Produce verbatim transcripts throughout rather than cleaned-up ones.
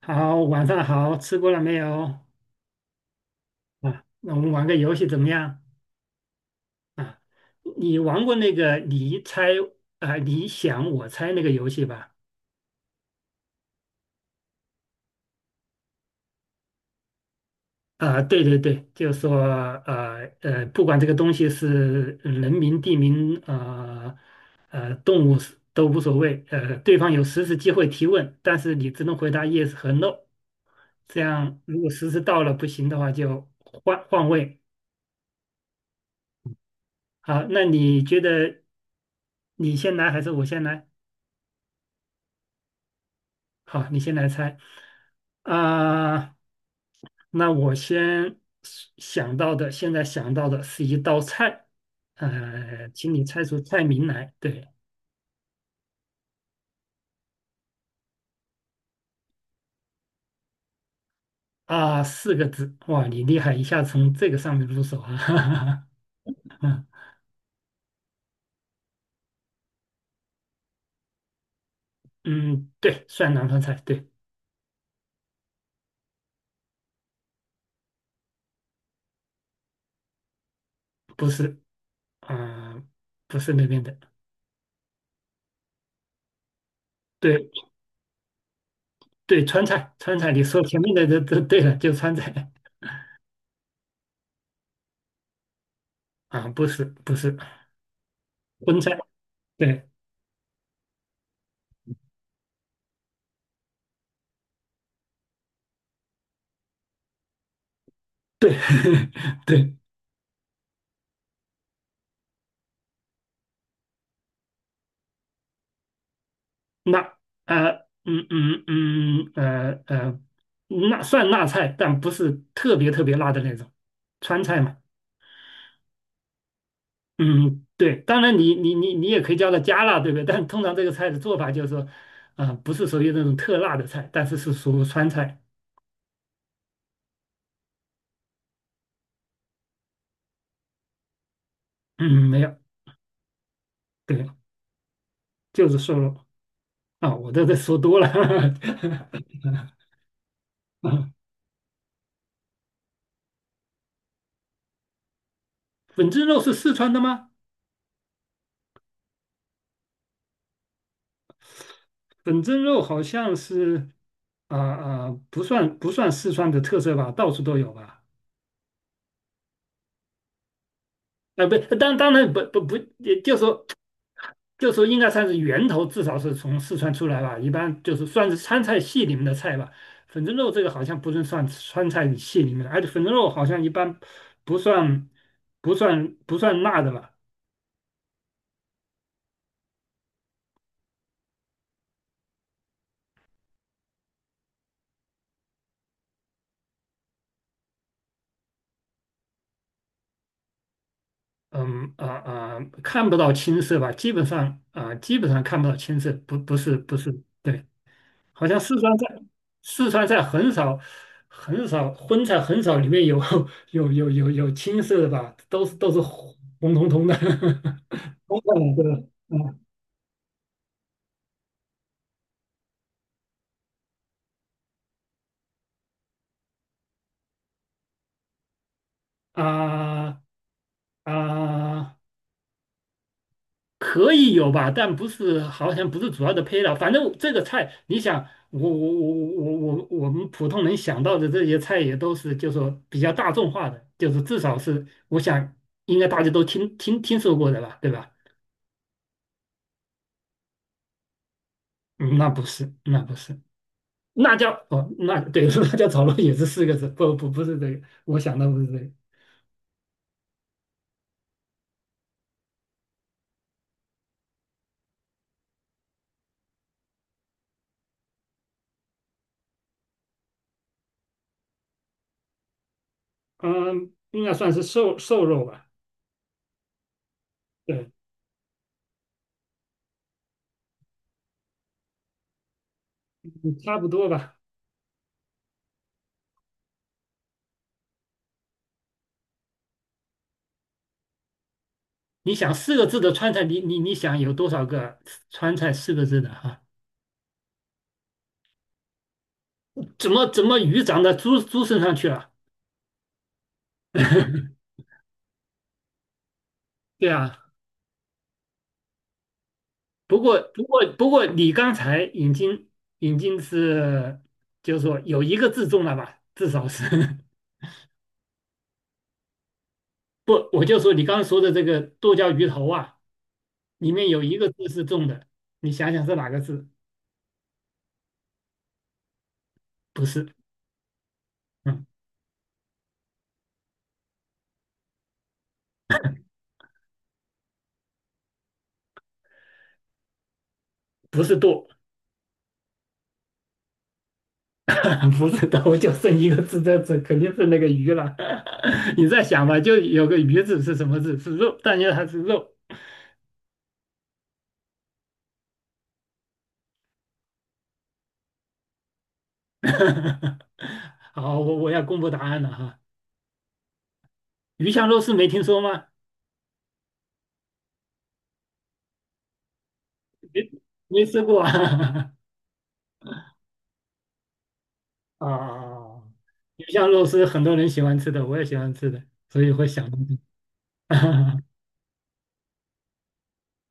好，晚上好，吃过了没有？啊，那我们玩个游戏怎么样？啊，你玩过那个你猜啊、你想我猜那个游戏吧？啊，对对对，就是说呃呃，不管这个东西是人名、地名、呃呃动物是都无所谓，呃，对方有十次机会提问，但是你只能回答 yes 和 no。这样如果实时到了不行的话，就换换位。好，那你觉得你先来还是我先来？好，你先来猜。啊、那我先想到的，现在想到的是一道菜，呃，请你猜出菜名来。对，啊、四个字。哇，你厉害，一下从这个上面入手啊。嗯，对，算南方菜，对，不是，啊、不是那边的，对对，川菜，川菜，你说前面的都都对了，就川菜。 啊、不是不是，荤菜，对对。 对，辣，呃嗯嗯嗯呃呃，那算辣菜，但不是特别特别辣的那种，川菜嘛。嗯，对，当然你你你你也可以叫它加辣，对不对？但通常这个菜的做法就是说，啊、不是属于那种特辣的菜，但是是属于川菜。嗯，没有，对，就是瘦肉啊，我这这说多了。啊，粉蒸肉是四川的吗？粉蒸肉好像是啊啊、不算不算四川的特色吧，到处都有吧。呃，不，当当然不不不，也就说就说应该算是源头，至少是从四川出来吧。一般就是算是川菜系里面的菜吧。粉蒸肉这个好像不是算川菜系里面的，而且粉蒸肉好像一般不算不算不算辣的吧。嗯啊啊、看不到青色吧，基本上啊、基本上看不到青色，不不是不是，对。好像四川菜，四川菜很少，很少荤菜很少，里面有 有有有有青色的吧，都是都是红红彤彤的，红彤彤的，嗯。啊啊，可以有吧，但不是好像不是主要的配料。反正这个菜，你想，我我我我我我们普通人想到的这些菜也都是，就说比较大众化的，就是至少是我想应该大家都听听听说过的吧，对吧？嗯，那不是，那不是。辣椒哦，那对，辣椒炒肉也是四个字，不不不是这个，我想的不是这个，嗯，应该算是瘦瘦肉吧，对，嗯差不多吧。你想四个字的川菜，你你你想有多少个川菜四个字的哈、怎么怎么鱼长到猪猪身上去了？对啊，不过不过不过你刚才已经已经是就是说有一个字中了吧，至少是。 不，我就说你刚刚说的这个剁椒鱼头啊。里面有一个字是重的，你想想是哪个字？不是，嗯，不是舵，不是舵，就剩一个字在这，肯定是那个鱼了。你再想吧，就有个鱼字是什么字？是肉，但因为它是肉。好，我我要公布答案了哈。鱼香肉丝没听说吗？没没吃过啊？啊，鱼香肉丝很多人喜欢吃的，我也喜欢吃的，所以会想到这个。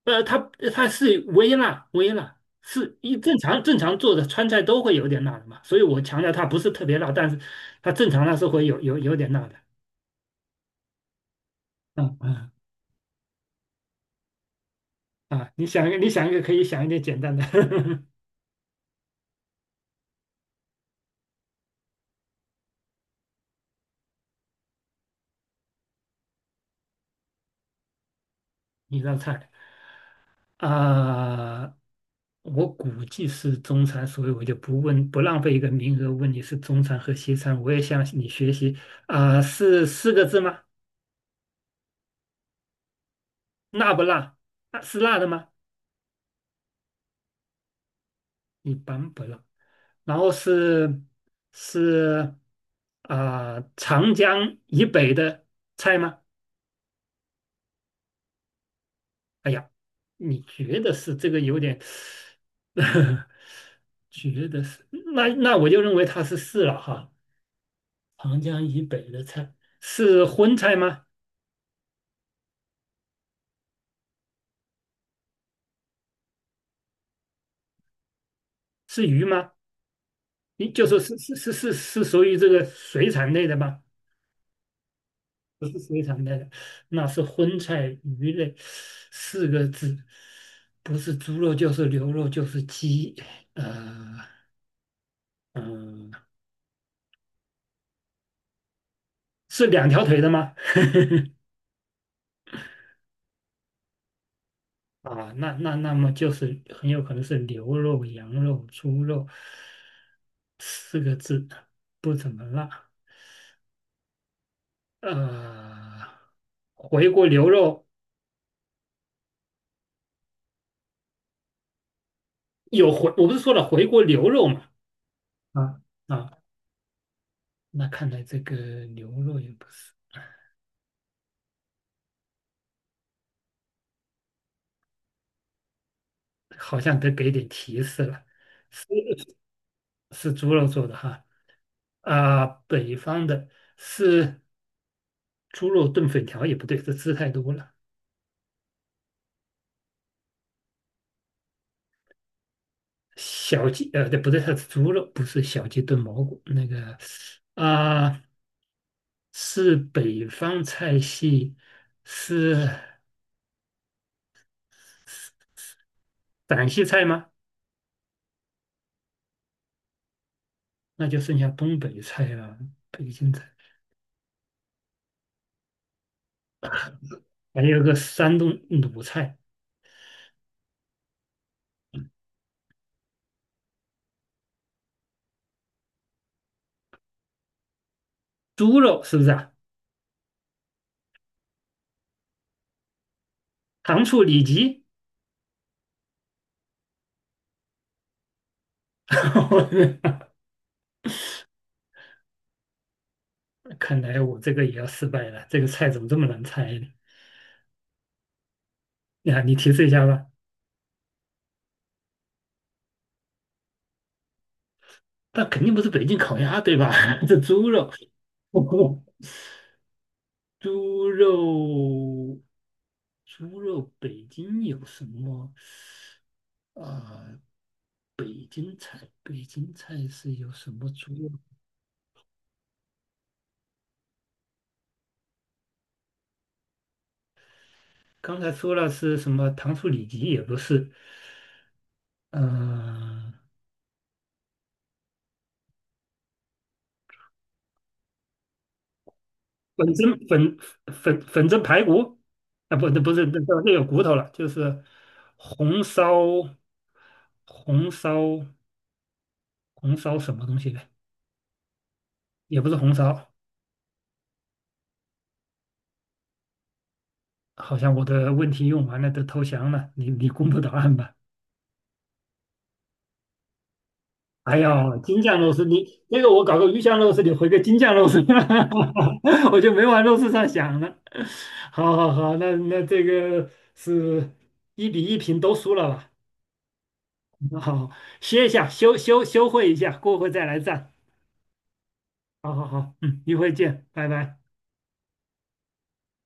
呃，它它是微辣，微辣是一正常正常做的川菜都会有点辣的嘛，所以我强调它不是特别辣，但是它正常它是会有有有点辣的。嗯嗯啊，你想一个，你想一个，可以想一点简单的。 一道菜啊、我估计是中餐，所以我就不问，不浪费一个名额问你是中餐和西餐。我也向你学习啊、是四个字吗？辣不辣？啊，是辣的吗？一般不辣。然后是是啊、呃长江以北的菜吗？哎呀，你觉得是这个有点，觉得是那那我就认为它是是了哈。长江以北的菜是荤菜吗？是鱼吗？你就说是是是是是属于这个水产类的吗？不是水产类的，那是荤菜鱼类四个字，不是猪肉就是牛肉就是鸡，呃嗯、呃，是两条腿的吗？啊，那那那么就是很有可能是牛肉、羊肉、猪肉四个字，不怎么辣。呃，回锅牛肉有回，我不是说了回锅牛肉嘛？啊啊，那看来这个牛肉也不是。好像得给点提示了，是是猪肉做的哈啊，北方的是猪肉炖粉条也不对，这吃太多了。小鸡呃，对，不对，它是猪肉，不是小鸡炖蘑菇那个啊，是北方菜系，是陕西菜吗？那就剩下东北菜了，北京菜，还有个山东鲁菜，猪肉是不是啊？糖醋里脊。看来我这个也要失败了，这个菜怎么这么难猜呢？呀，你提示一下吧。但肯定不是北京烤鸭，对吧？这猪肉，猪肉，猪肉，北京有什么？啊、北京菜，北京菜是有什么猪肉？刚才说了是什么糖醋里脊，也不是，嗯、粉蒸粉粉粉蒸排骨啊，不，那不是那个那有骨头了，就是红烧红烧红烧什么东西的，也不是红烧。好像我的问题用完了，都投降了。你你公布答案吧。哎呦，京酱肉丝，你那个我搞个鱼香肉丝，你回个京酱肉丝，我就没往肉丝上想了。好好好，那那这个是一比一平都输了吧？好，歇一下，休休休会一下，过会再来赞。好好好，嗯，一会见，拜拜。